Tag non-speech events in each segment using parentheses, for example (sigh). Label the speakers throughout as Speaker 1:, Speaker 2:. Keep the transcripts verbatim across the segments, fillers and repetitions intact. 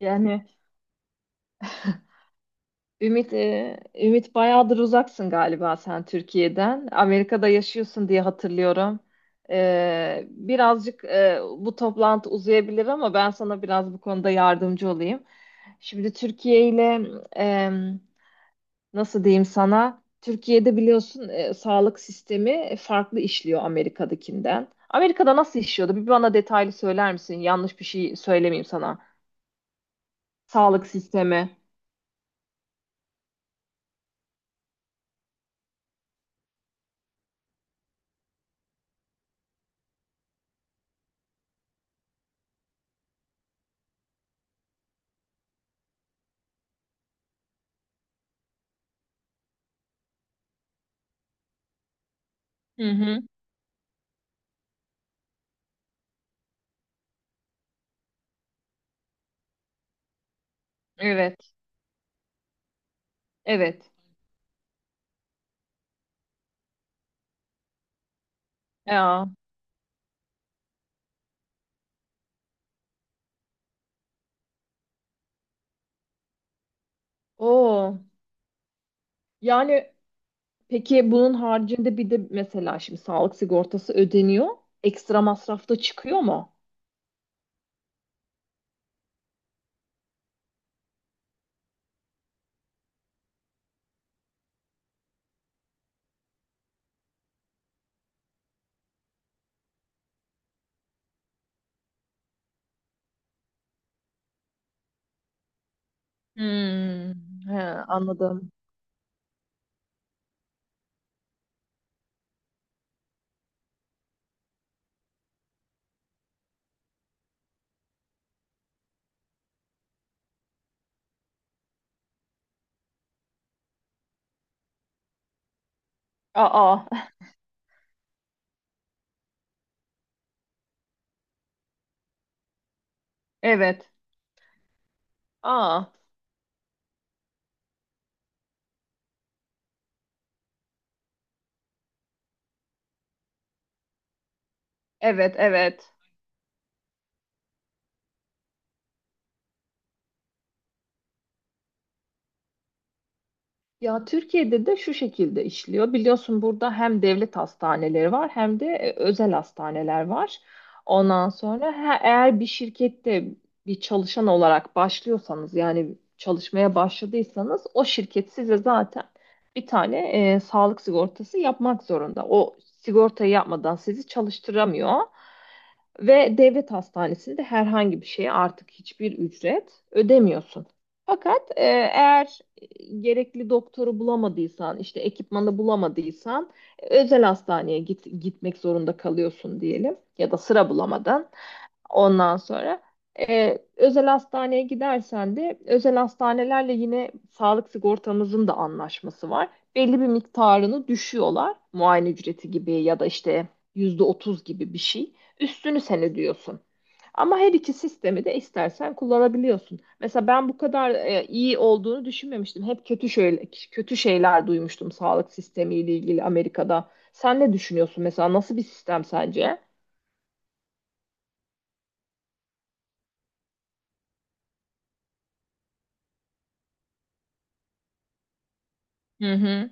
Speaker 1: Yani Ümit, e, Ümit bayağıdır uzaksın galiba sen Türkiye'den. Amerika'da yaşıyorsun diye hatırlıyorum. E, birazcık e, bu toplantı uzayabilir ama ben sana biraz bu konuda yardımcı olayım. Şimdi Türkiye ile e, nasıl diyeyim sana? Türkiye'de biliyorsun e, sağlık sistemi farklı işliyor Amerika'dakinden. Amerika'da nasıl işliyordu? Bir bana detaylı söyler misin? Yanlış bir şey söylemeyeyim sana. Sağlık sistemi. Hı hı. Evet, evet. Ya, o. Yani peki bunun haricinde bir de mesela şimdi sağlık sigortası ödeniyor. Ekstra masrafta çıkıyor mu? Hmm, he, anladım. Aa, (laughs) evet. Aa, evet, evet. Ya Türkiye'de de şu şekilde işliyor. Biliyorsun burada hem devlet hastaneleri var hem de e, özel hastaneler var. Ondan sonra he- eğer bir şirkette bir çalışan olarak başlıyorsanız yani çalışmaya başladıysanız o şirket size zaten bir tane e, sağlık sigortası yapmak zorunda. O sigortayı yapmadan sizi çalıştıramıyor. Ve devlet hastanesinde herhangi bir şeye artık hiçbir ücret ödemiyorsun. Fakat e, eğer gerekli doktoru bulamadıysan, işte ekipmanı bulamadıysan e, özel hastaneye git, gitmek zorunda kalıyorsun diyelim ya da sıra bulamadan. Ondan sonra e, özel hastaneye gidersen de özel hastanelerle yine sağlık sigortamızın da anlaşması var. Belli bir miktarını düşüyorlar. Muayene ücreti gibi ya da işte yüzde otuz gibi bir şey. Üstünü sen ödüyorsun. Ama her iki sistemi de istersen kullanabiliyorsun. Mesela ben bu kadar e, iyi olduğunu düşünmemiştim. Hep kötü şöyle kötü şeyler duymuştum sağlık sistemiyle ilgili Amerika'da. Sen ne düşünüyorsun mesela? Nasıl bir sistem sence? Hı hı.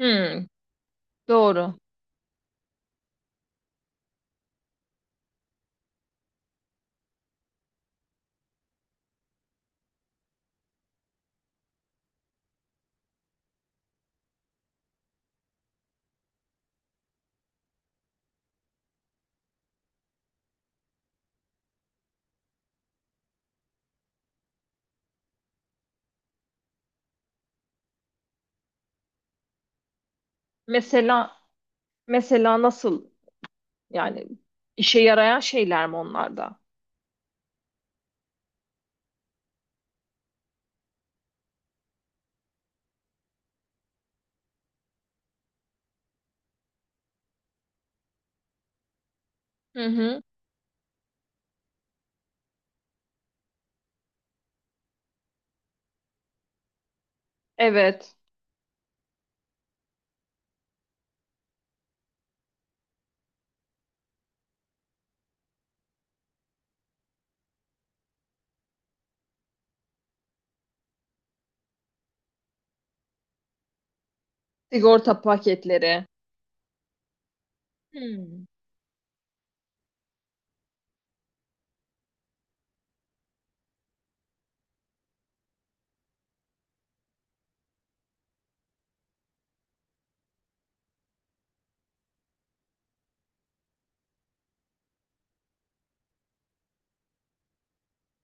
Speaker 1: Hı, doğru. Mesela mesela nasıl yani işe yarayan şeyler mi onlarda? Hı hı. Evet. Sigorta paketleri. Hmm.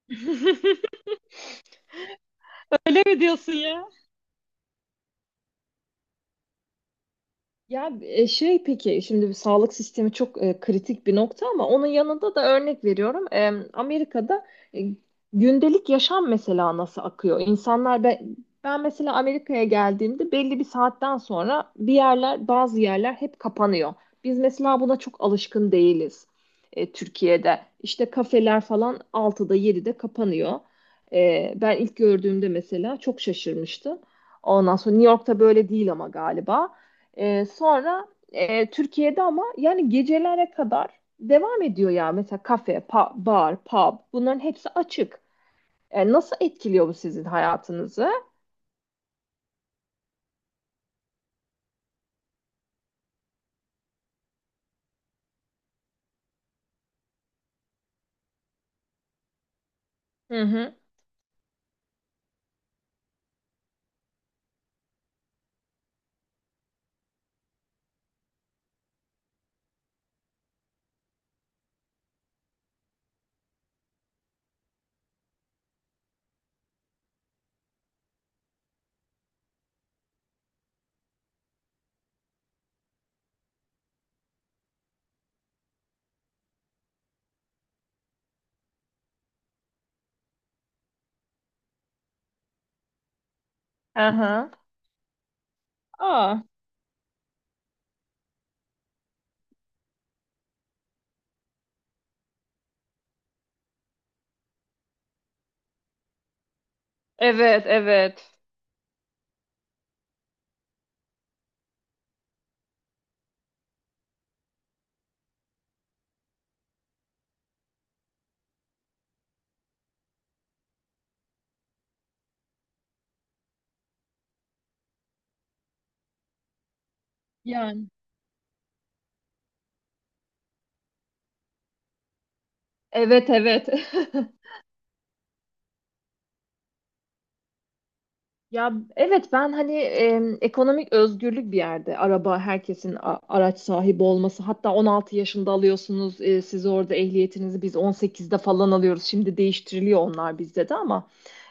Speaker 1: (laughs) Öyle mi diyorsun ya? Ya e, şey peki şimdi bir sağlık sistemi çok e, kritik bir nokta ama onun yanında da örnek veriyorum. E, Amerika'da e, gündelik yaşam mesela nasıl akıyor? İnsanlar ben, ben mesela Amerika'ya geldiğimde belli bir saatten sonra bir yerler bazı yerler hep kapanıyor. Biz mesela buna çok alışkın değiliz e, Türkiye'de. İşte kafeler falan altıda yedide kapanıyor. E, ben ilk gördüğümde mesela çok şaşırmıştım. Ondan sonra New York'ta böyle değil ama galiba. Ee, sonra e, Türkiye'de ama yani gecelere kadar devam ediyor ya. Mesela kafe, pa- bar, pub bunların hepsi açık. E, nasıl etkiliyor bu sizin hayatınızı? Hı hı. Aha. Aa, evet, evet. Yani. Evet evet. (laughs) Ya evet ben hani em, ekonomik özgürlük bir yerde araba herkesin a- araç sahibi olması hatta on altı yaşında alıyorsunuz e, siz orada ehliyetinizi biz on sekizde falan alıyoruz şimdi değiştiriliyor onlar bizde de ama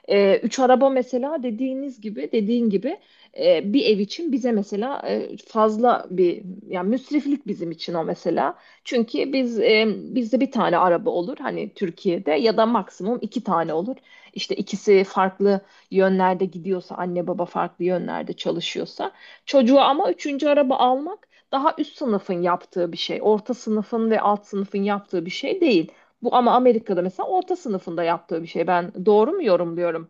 Speaker 1: E, üç araba mesela dediğiniz gibi dediğin gibi e, bir ev için bize mesela e, fazla bir yani müsriflik bizim için o mesela. Çünkü biz e, bizde bir tane araba olur hani Türkiye'de ya da maksimum iki tane olur. İşte ikisi farklı yönlerde gidiyorsa anne baba farklı yönlerde çalışıyorsa çocuğa ama üçüncü araba almak daha üst sınıfın yaptığı bir şey. Orta sınıfın ve alt sınıfın yaptığı bir şey değil. Bu ama Amerika'da mesela orta sınıfında yaptığı bir şey. Ben doğru mu yorumluyorum?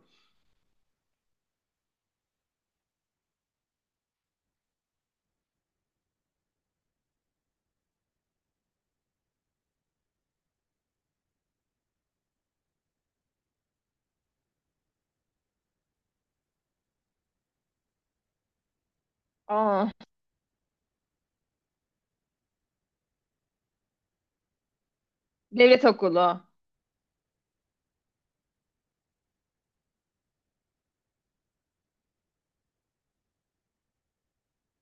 Speaker 1: Aa, devlet okulu.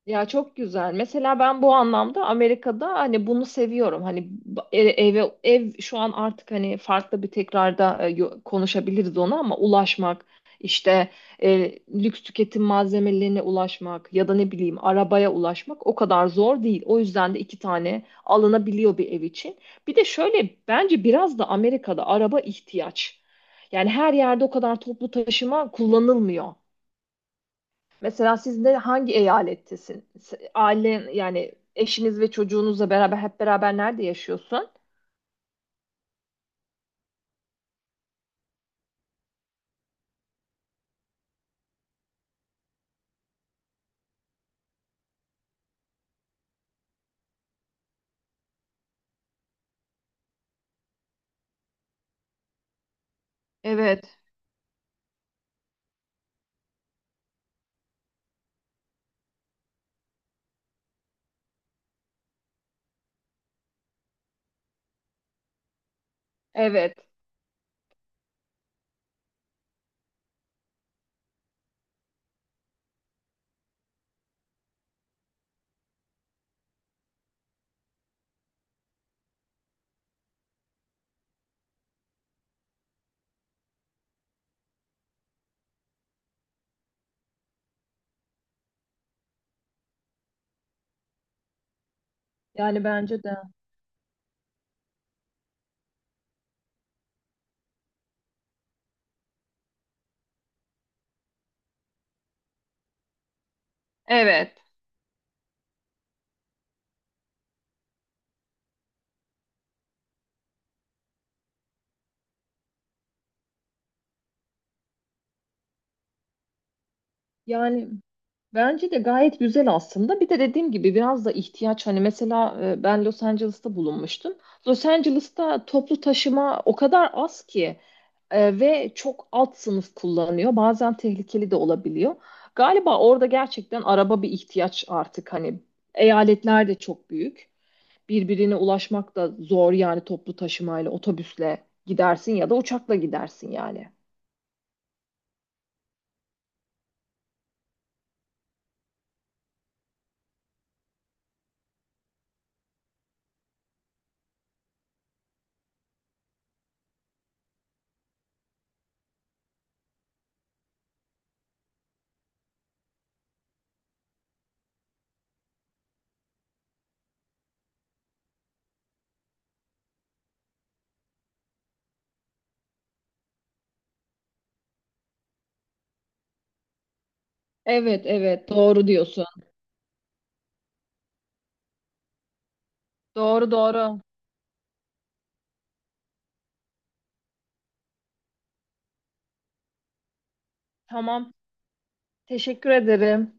Speaker 1: Ya çok güzel. Mesela ben bu anlamda Amerika'da hani bunu seviyorum. Hani e- eve ev şu an artık hani farklı bir tekrarda e, yo- konuşabiliriz onu ama ulaşmak işte e, lüks tüketim malzemelerine ulaşmak ya da ne bileyim arabaya ulaşmak o kadar zor değil. O yüzden de iki tane alınabiliyor bir ev için. Bir de şöyle bence biraz da Amerika'da araba ihtiyaç. Yani her yerde o kadar toplu taşıma kullanılmıyor. Mesela siz de hangi eyalettesin? Se- Ailen yani eşiniz ve çocuğunuzla beraber hep beraber nerede yaşıyorsun? Evet. Evet. Yani bence de. Evet. Yani bence de gayet güzel aslında. Bir de dediğim gibi biraz da ihtiyaç. Hani mesela e, ben Los Angeles'ta bulunmuştum. Los Angeles'ta toplu taşıma o kadar az ki e, ve çok alt sınıf kullanıyor. Bazen tehlikeli de olabiliyor. Galiba orada gerçekten araba bir ihtiyaç artık. Hani eyaletler de çok büyük birbirine ulaşmak da zor yani toplu taşımayla, otobüsle gidersin ya da uçakla gidersin yani. Evet, evet, doğru diyorsun. Doğru, doğru. Tamam, teşekkür ederim.